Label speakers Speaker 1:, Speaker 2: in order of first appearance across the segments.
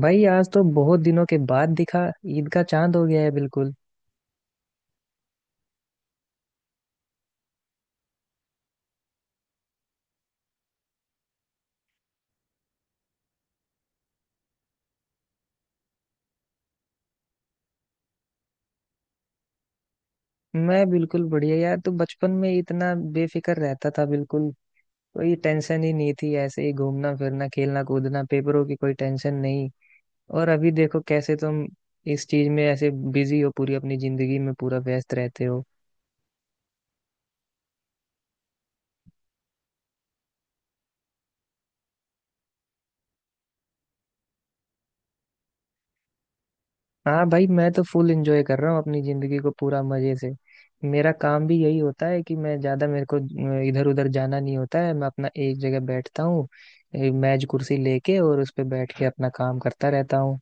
Speaker 1: भाई आज तो बहुत दिनों के बाद दिखा। ईद का चांद हो गया है बिल्कुल। मैं बिल्कुल बढ़िया यार। तू बचपन में इतना बेफिक्र रहता था बिल्कुल। कोई टेंशन ही नहीं थी, ऐसे ही घूमना फिरना खेलना कूदना, पेपरों की कोई टेंशन नहीं। और अभी देखो कैसे तुम इस चीज में ऐसे बिजी हो, पूरी अपनी जिंदगी में पूरा व्यस्त रहते हो। हाँ भाई, मैं तो फुल एंजॉय कर रहा हूँ अपनी जिंदगी को, पूरा मजे से। मेरा काम भी यही होता है कि मैं ज्यादा मेरे को इधर उधर जाना नहीं होता है, मैं अपना एक जगह बैठता हूँ, मेज कुर्सी लेके, और उस पे बैठ के अपना काम करता रहता हूँ।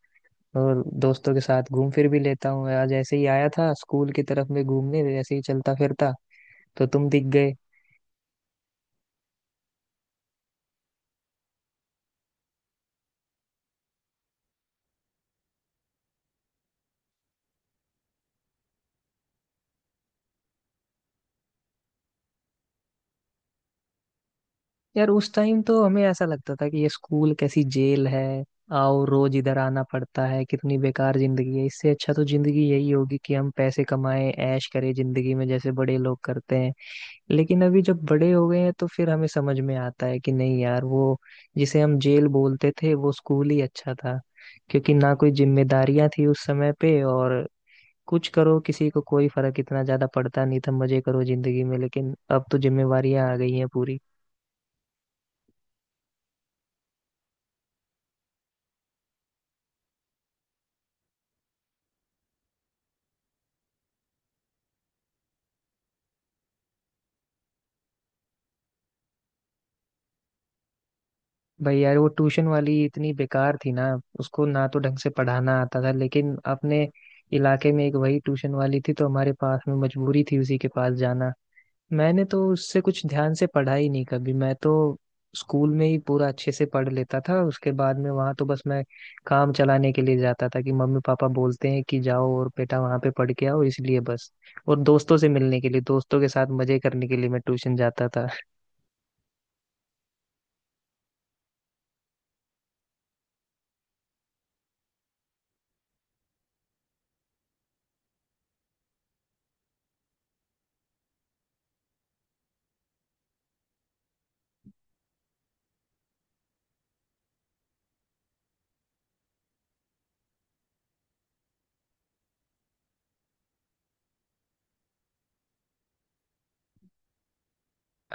Speaker 1: और दोस्तों के साथ घूम फिर भी लेता हूँ। आज ऐसे ही आया था स्कूल की तरफ में घूमने, ऐसे ही चलता फिरता, तो तुम दिख गए। यार उस टाइम तो हमें ऐसा लगता था कि ये स्कूल कैसी जेल है। आओ, रोज इधर आना पड़ता है, कितनी बेकार जिंदगी है, इससे अच्छा तो जिंदगी यही होगी कि हम पैसे कमाएं, ऐश करें जिंदगी में जैसे बड़े लोग करते हैं। लेकिन अभी जब बड़े हो गए हैं तो फिर हमें समझ में आता है कि नहीं यार, वो जिसे हम जेल बोलते थे, वो स्कूल ही अच्छा था। क्योंकि ना कोई जिम्मेदारियां थी उस समय पे, और कुछ करो किसी को कोई फर्क इतना ज्यादा पड़ता नहीं था, मजे करो जिंदगी में। लेकिन अब तो जिम्मेवारियां आ गई हैं पूरी। भाई यार वो ट्यूशन वाली इतनी बेकार थी ना। उसको ना तो ढंग से पढ़ाना आता था, लेकिन अपने इलाके में एक वही ट्यूशन वाली थी, तो हमारे पास में मजबूरी थी उसी के पास जाना। मैंने तो उससे कुछ ध्यान से पढ़ा ही नहीं कभी, मैं तो स्कूल में ही पूरा अच्छे से पढ़ लेता था। उसके बाद में वहां तो बस मैं काम चलाने के लिए जाता था कि मम्मी पापा बोलते हैं कि जाओ और बेटा वहां पे पढ़ के आओ, इसलिए बस। और दोस्तों से मिलने के लिए, दोस्तों के साथ मजे करने के लिए, मैं ट्यूशन जाता था।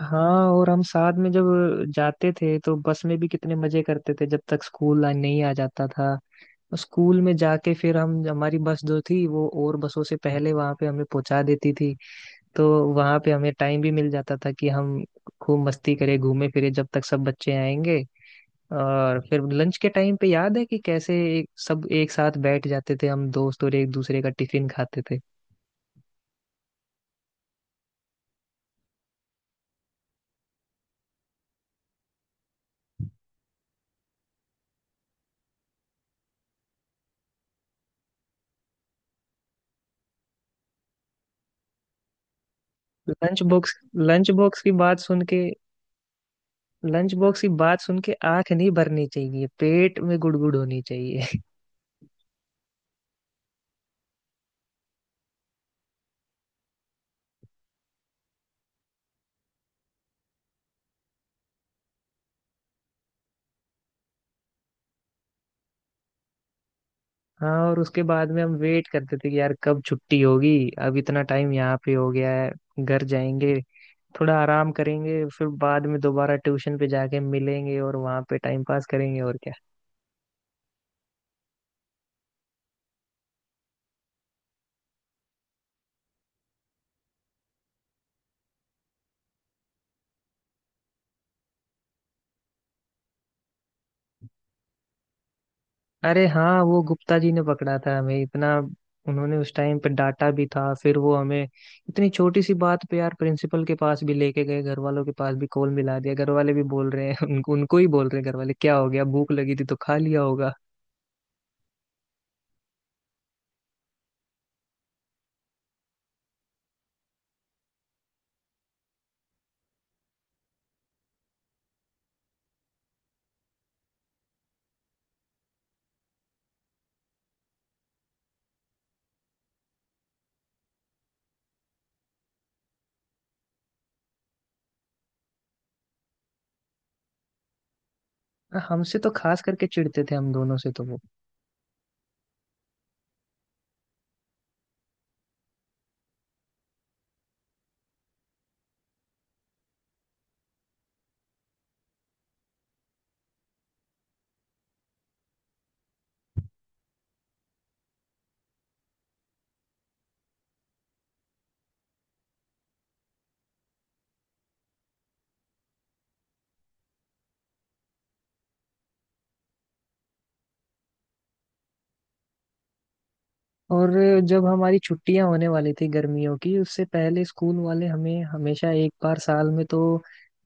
Speaker 1: हाँ, और हम साथ में जब जाते थे तो बस में भी कितने मजे करते थे, जब तक स्कूल नहीं आ जाता था। और स्कूल में जाके फिर हम, हमारी बस जो थी वो और बसों से पहले वहां पे हमें पहुंचा देती थी। तो वहां पे हमें टाइम भी मिल जाता था कि हम खूब मस्ती करें, घूमे फिरे, जब तक सब बच्चे आएंगे। और फिर लंच के टाइम पे याद है कि कैसे सब एक साथ बैठ जाते थे हम दोस्त, और एक दूसरे का टिफिन खाते थे। लंच बॉक्स लंच बॉक्स की बात सुन के लंच बॉक्स की बात सुन के आंख नहीं भरनी चाहिए, पेट में गुड़गुड़ होनी चाहिए। हाँ, और उसके बाद में हम वेट करते थे कि यार कब छुट्टी होगी, अब इतना टाइम यहाँ पे हो गया है, घर जाएंगे, थोड़ा आराम करेंगे, फिर बाद में दोबारा ट्यूशन पे जाके मिलेंगे और वहाँ पे टाइम पास करेंगे। और अरे हाँ, वो गुप्ता जी ने पकड़ा था हमें। इतना उन्होंने उस टाइम पे डांटा भी था, फिर वो हमें इतनी छोटी सी बात पे यार प्रिंसिपल के पास भी लेके गए, घर वालों के पास भी कॉल मिला दिया। घर वाले भी बोल रहे हैं उनको उनको ही बोल रहे हैं घर वाले, क्या हो गया, भूख लगी थी तो खा लिया होगा। हमसे तो खास करके चिढ़ते थे, हम दोनों से तो वो। और जब हमारी छुट्टियां होने वाली थी गर्मियों की, उससे पहले स्कूल वाले हमें हमेशा एक बार साल में तो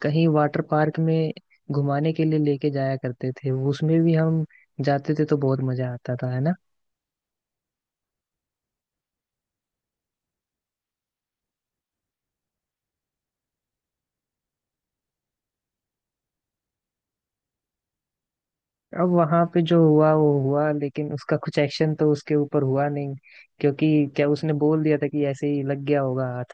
Speaker 1: कहीं वाटर पार्क में घुमाने के लिए लेके जाया करते थे। उसमें भी हम जाते थे तो बहुत मजा आता था, है ना। अब वहां पे जो हुआ वो हुआ, लेकिन उसका कुछ एक्शन तो उसके ऊपर हुआ नहीं, क्योंकि क्या, उसने बोल दिया था कि ऐसे ही लग गया होगा हाथ।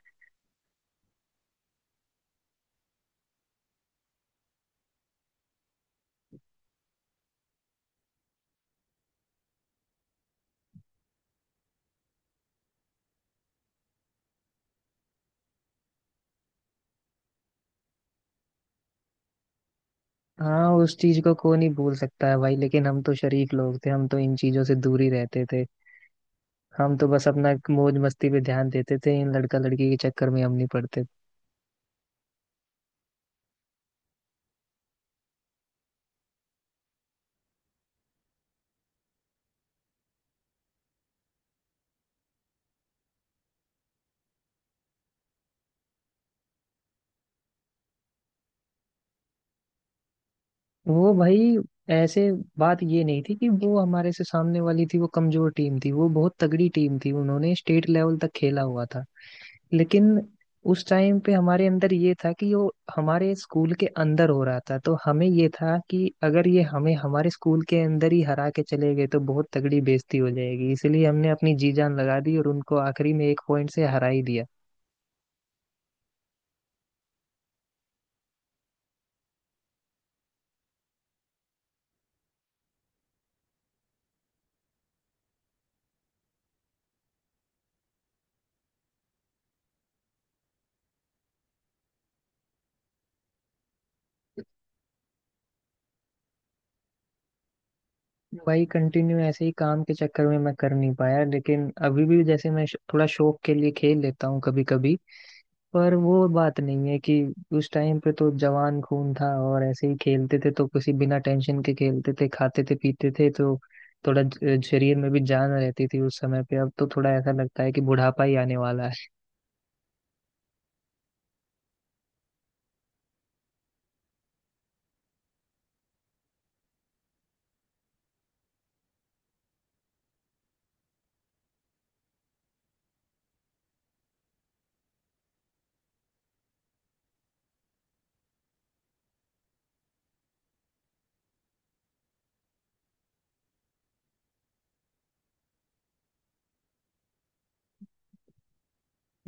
Speaker 1: हाँ, उस चीज को कोई नहीं भूल सकता है भाई, लेकिन हम तो शरीफ लोग थे, हम तो इन चीजों से दूर ही रहते थे। हम तो बस अपना मौज मस्ती पे ध्यान देते थे, इन लड़का लड़की के चक्कर में हम नहीं पड़ते थे। वो भाई, ऐसे बात ये नहीं थी कि वो हमारे से सामने वाली थी, वो कमजोर टीम थी, वो बहुत तगड़ी टीम थी, उन्होंने स्टेट लेवल तक खेला हुआ था। लेकिन उस टाइम पे हमारे अंदर ये था कि वो हमारे स्कूल के अंदर हो रहा था, तो हमें ये था कि अगर ये हमें हमारे स्कूल के अंदर ही हरा के चले गए तो बहुत तगड़ी बेइज्जती हो जाएगी, इसलिए हमने अपनी जी जान लगा दी और उनको आखिरी में एक पॉइंट से हरा ही दिया। भाई कंटिन्यू ऐसे ही काम के चक्कर में मैं कर नहीं पाया, लेकिन अभी भी जैसे मैं थोड़ा शौक के लिए खेल लेता हूँ कभी कभी। पर वो बात नहीं है कि, उस टाइम पे तो जवान खून था और ऐसे ही खेलते थे, तो किसी बिना टेंशन के खेलते थे खाते थे पीते थे, तो थोड़ा शरीर में भी जान रहती थी उस समय पे। अब तो थोड़ा ऐसा लगता है कि बुढ़ापा ही आने वाला है।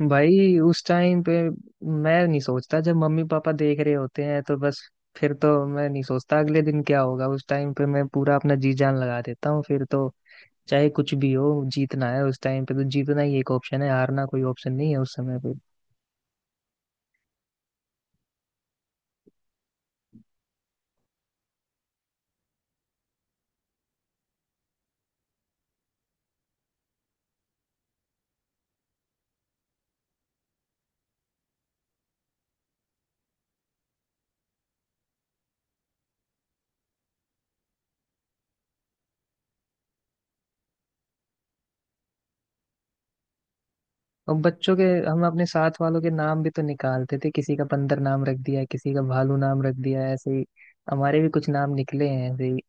Speaker 1: भाई उस टाइम पे, मैं नहीं सोचता, जब मम्मी पापा देख रहे होते हैं तो बस, फिर तो मैं नहीं सोचता अगले दिन क्या होगा। उस टाइम पे मैं पूरा अपना जी जान लगा देता हूँ फिर तो, चाहे कुछ भी हो जीतना है। उस टाइम पे तो जीतना ही एक ऑप्शन है, हारना कोई ऑप्शन नहीं है उस समय पे। और बच्चों के, हम अपने साथ वालों के नाम भी तो निकालते थे, किसी का बंदर नाम रख दिया, किसी का भालू नाम रख दिया ऐसे ही, हमारे भी कुछ नाम निकले हैं ऐसे ही।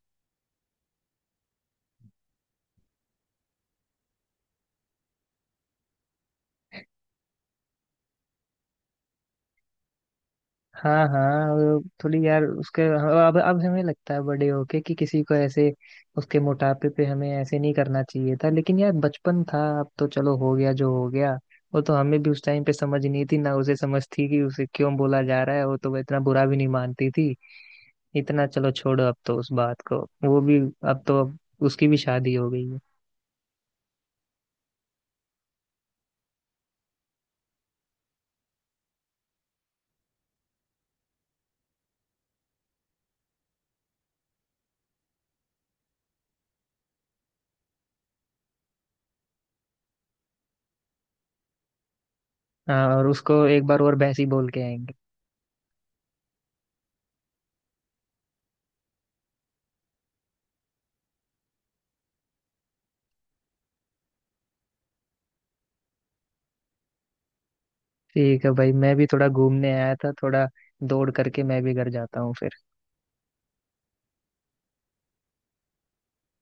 Speaker 1: हाँ हाँ, वो थोड़ी यार, उसके अब हमें लगता है बड़े होके कि किसी को ऐसे उसके मोटापे पे हमें ऐसे नहीं करना चाहिए था, लेकिन यार बचपन था, अब तो चलो, हो गया जो हो गया। वो तो हमें भी उस टाइम पे समझ नहीं थी, ना उसे समझ थी कि उसे क्यों बोला जा रहा है, वो तो वो इतना बुरा भी नहीं मानती थी। इतना, चलो छोड़ो अब तो उस बात को, वो भी, अब तो, अब उसकी भी शादी हो गई है। हाँ, और उसको एक बार और भैंसी बोल के आएंगे। ठीक है भाई, मैं भी थोड़ा घूमने आया था, थोड़ा दौड़ करके मैं भी घर जाता हूँ फिर।